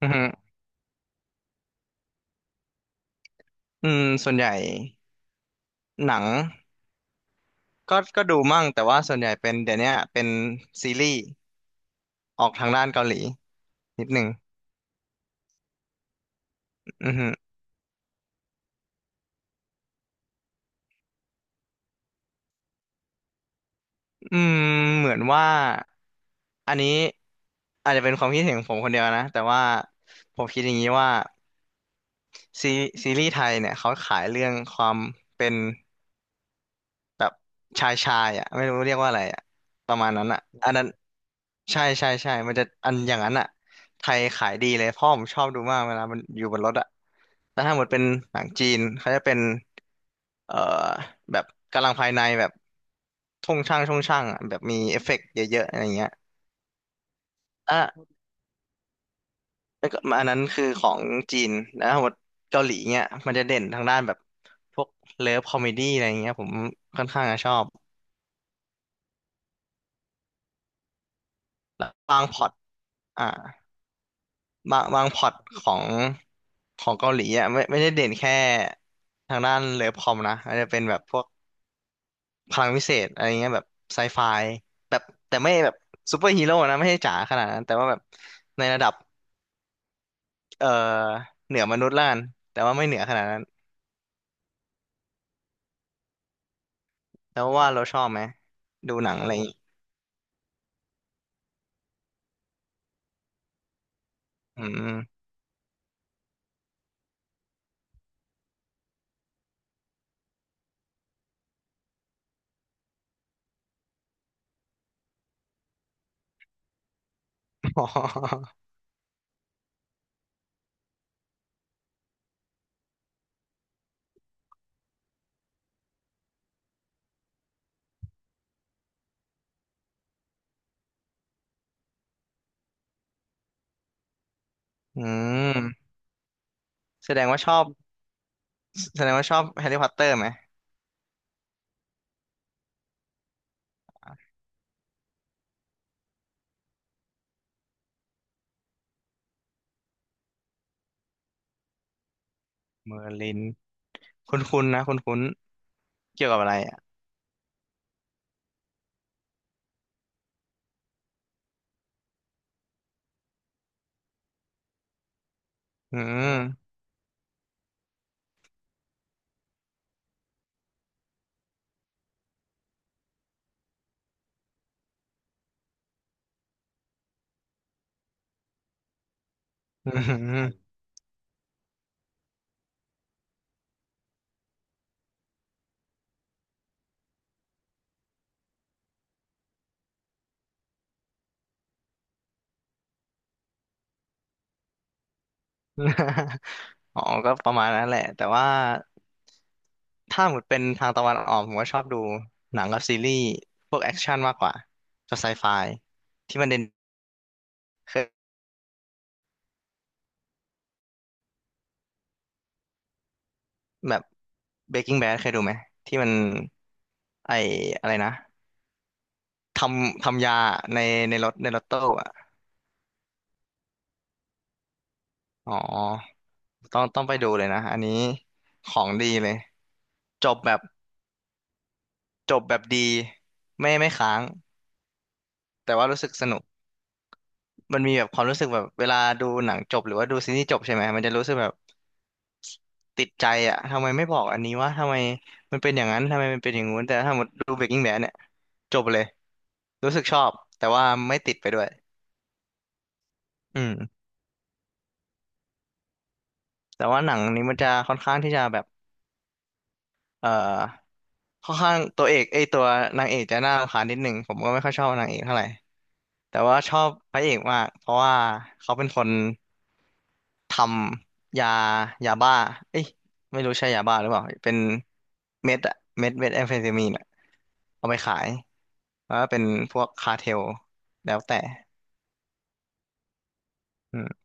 อือฮึอืมส่วนใหญ่หนังก็ดูมั่งแต่ว่าส่วนใหญ่เป็นเดี๋ยวเนี้ยเป็นซีรีส์ออกทางด้านเกาหลีนิดหนึ่งอือฮึอืมเหมือนว่าอันนี้อาจจะเป็นความคิดเห็นของผมคนเดียวนะแต่ว่าผมคิดอย่างนี้ว่าซีซีรีส์ไทยเนี่ยเขาขายเรื่องความเป็น แบบชายชายอ่ะไม่รู้เรียกว่าอะไรอ่ะประมาณนั้นอ่ะอันนั้นใช่ใช่ใช่มันจะอันอย่างนั้นอ่ะไทยขายดีเลยพ่อผมชอบดูมากเวลามันอยู่บนรถอ่ะแล้วถ้าหมดเป็นหนังจีนเขาจะเป็นเอ่อแบบกำลังภายในแบบช่องช่างช่องช่างอะแบบมีเอฟเฟกต์เยอะๆอะไรเงี้ยอ่ะแล้วก็อันนั้นคือของจีนแล้วหมดเกาหลีเงี้ยมันจะเด่นทางด้านแบบพวกเลิฟคอมเมดี้อะไรเงี้ยผมค่อนข้างจะชอบแล้วบางพล็อตอ่ะ บางพล็อตของของเกาหลีอ่ะไม่ได้เด่นแค่ทางด้านเลิฟคอมนะอาจจะเป็นแบบพวกพลังวิเศษอะไรเงี้ยแบบไซไฟแบบแต่ไม่แบบซูเปอร์ฮีโร่นะไม่ใช่จ๋าขนาดนั้นแต่ว่าแบบในระดับเอ่อเหนือมนุษย์ละกันแต่ว่าไม่เหนือขนาดนั้นแล้วว่าเราชอบไหมดูหนังอะไรอย่างงี้อืม อออืมแสดงว่าชอบแสดงว่าชอบแฮร์รี่พอตเตอร์ไหมเมอร์ลินคุ้นๆนะคุ้นๆเกี่ยวกับอะไรอ่ะอืมอืม อ๋อ ก็ประมาณนั้นแหละ แต่ว่าถ้าหมดเป็นทางตะวันออกผมก็ชอบดูหนังกับซีรีส์พวกแอคชั่นมากกว่าจะไซไฟที่มันเด่นเคยแบบเบรกกิ้งแบดเคยดูไหมที่มันไออะไรนะทำยาในรถตู้อ่ะอ๋อต้องไปดูเลยนะอันนี้ของดีเลยจบแบบจบแบบดีไม่ค้างแต่ว่ารู้สึกสนุก มันมีแบบความรู้สึกแบบเวลาดูหนังจบหรือว่าดูซีรีส์จบใช่ไหมมันจะรู้สึกแบบติดใจอ่ะทำไมไม่บอกอันนี้วะทำไมมันเป็นอย่างนั้นทำไมมันเป็นอย่างงู้นแต่ถ้าหมดดู Breaking Bad เนี่ยจบเลยรู้สึกชอบแต่ว่าไม่ติดไปด้วยอืมแต่ว่าหนังนี้มันจะค่อนข้างที่จะแบบเอ่อค่อนข้างตัวเอกไอยตัวนางเอกจะน่ารำคาญนิดหนึ่งผมก็ไม่ค่อยชอบนางเอกเท่าไหร่แต่ว่าชอบพระเอกมากเพราะว่าเขาเป็นคน ทำยายาบ้าเอ้ยไม่รู้ใช่ยาบ้าหรือเปล่าเป็นเม็ดอะเม็ดแอมเฟตามีนอะเอาไปขายแล้วก็เป็นพวกคาร์เทลแล้วแต่อืม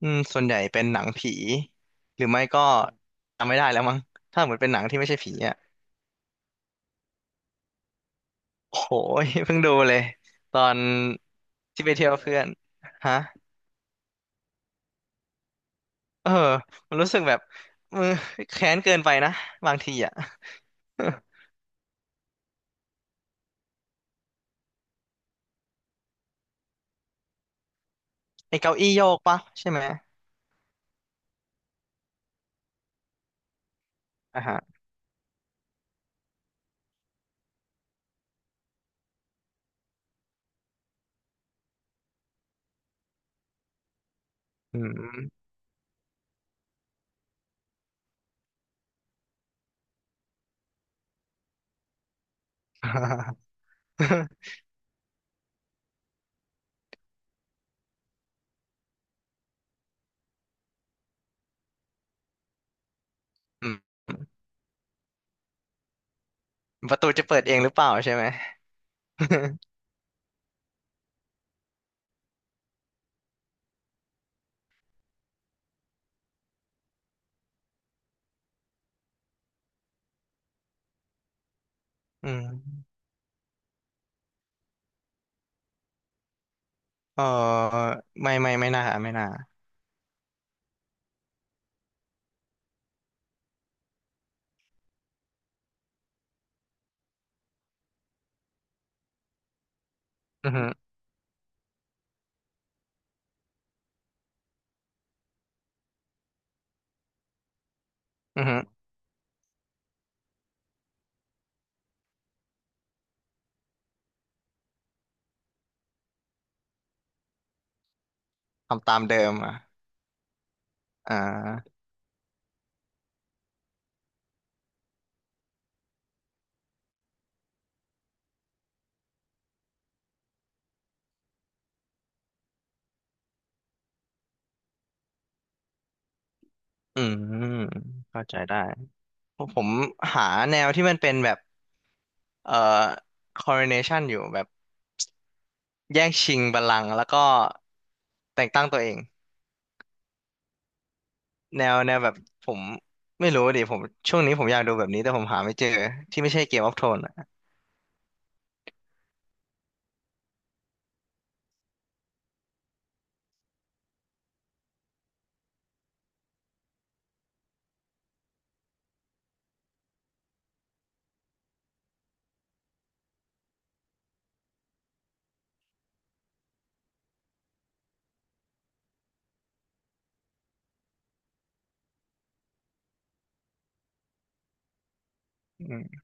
อืมส่วนใหญ่เป็นหนังผีหรือไม่ก็จำไม่ได้แล้วมั้งถ้าเหมือนเป็นหนังที่ไม่ใช่ผีอะโอ้โห ยเพิ่งดูเลยตอนที่ไปเที่ยวเพื่อนฮะเออมันรู้สึกแบบมือแค้นเกินไปนะบางทีอะ ไอเก้าอี้โยกปะใช่ไหมอ่ะฮะอืม อืมประตูจะเปิดเองหรือเปล่าใช่ไหม อืมเออไม่ไม่น่าไม่น่าอือฮึอือฮึทำตามเดิมอ่ะอ่าอืมเข้าใจได้ผมหาแนวที่มันเป็นแบบเอ่อ coronation อยู่แบบแย่งชิงบัลลังก์แล้วก็แต่งตั้งตัวเองแนวแบบผมไม่รู้ดิผมช่วงนี้ผมอยากดูแบบนี้แต่ผมหาไม่เจอที่ไม่ใช่เกมออฟโทนอ่ะอืม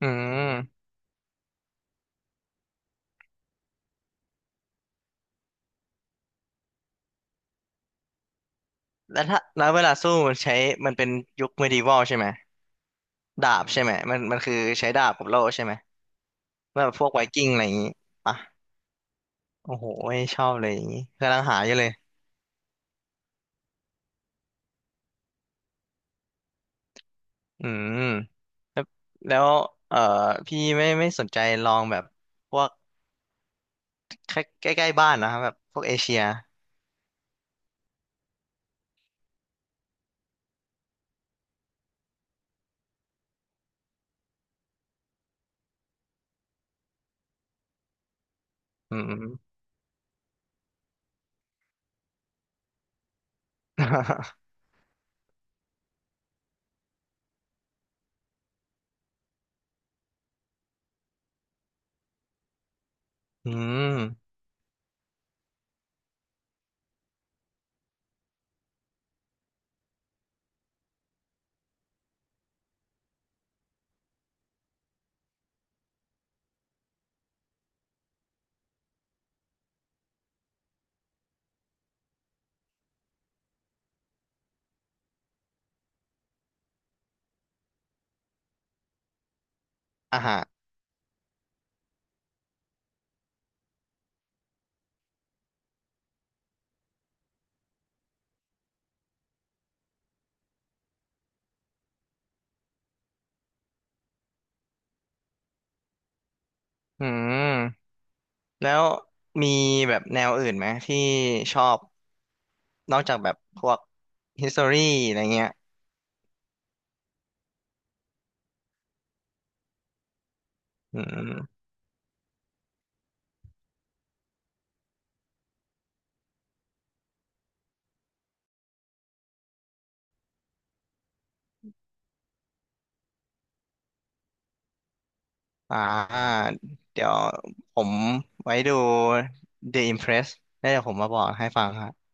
อืม แล้วถ้าแล้วเวลาสู้มันใช้มันเป็นยุคเมดิว a ลใช่ไหมดาบใช่ไหมมันมันคือใช้ดาบกับโล่ใช่ไหมแบบพวกไวกิ้งอะไรอย่างงี้ปะโอ้โหไม่ชอบเลยอย่างงี้กำลังหาอยู่เลยอืมแล้วเอ่อพี่ไม่สนใจลองแบบพวกใกล้ใกล้ๆบ้านนะครับแบบพวกเอเชียอืม อืมอ่ะฮะอืมแล้วมีแบบแนวอื่นไหมที่ชอบนอกจากแบบพวก history อะไรเงี้ยอืม อ่าเดี๋ยวผมไว้ดู The Impress แล้วเดี๋ยวผมมาบอกให้ฟังครับ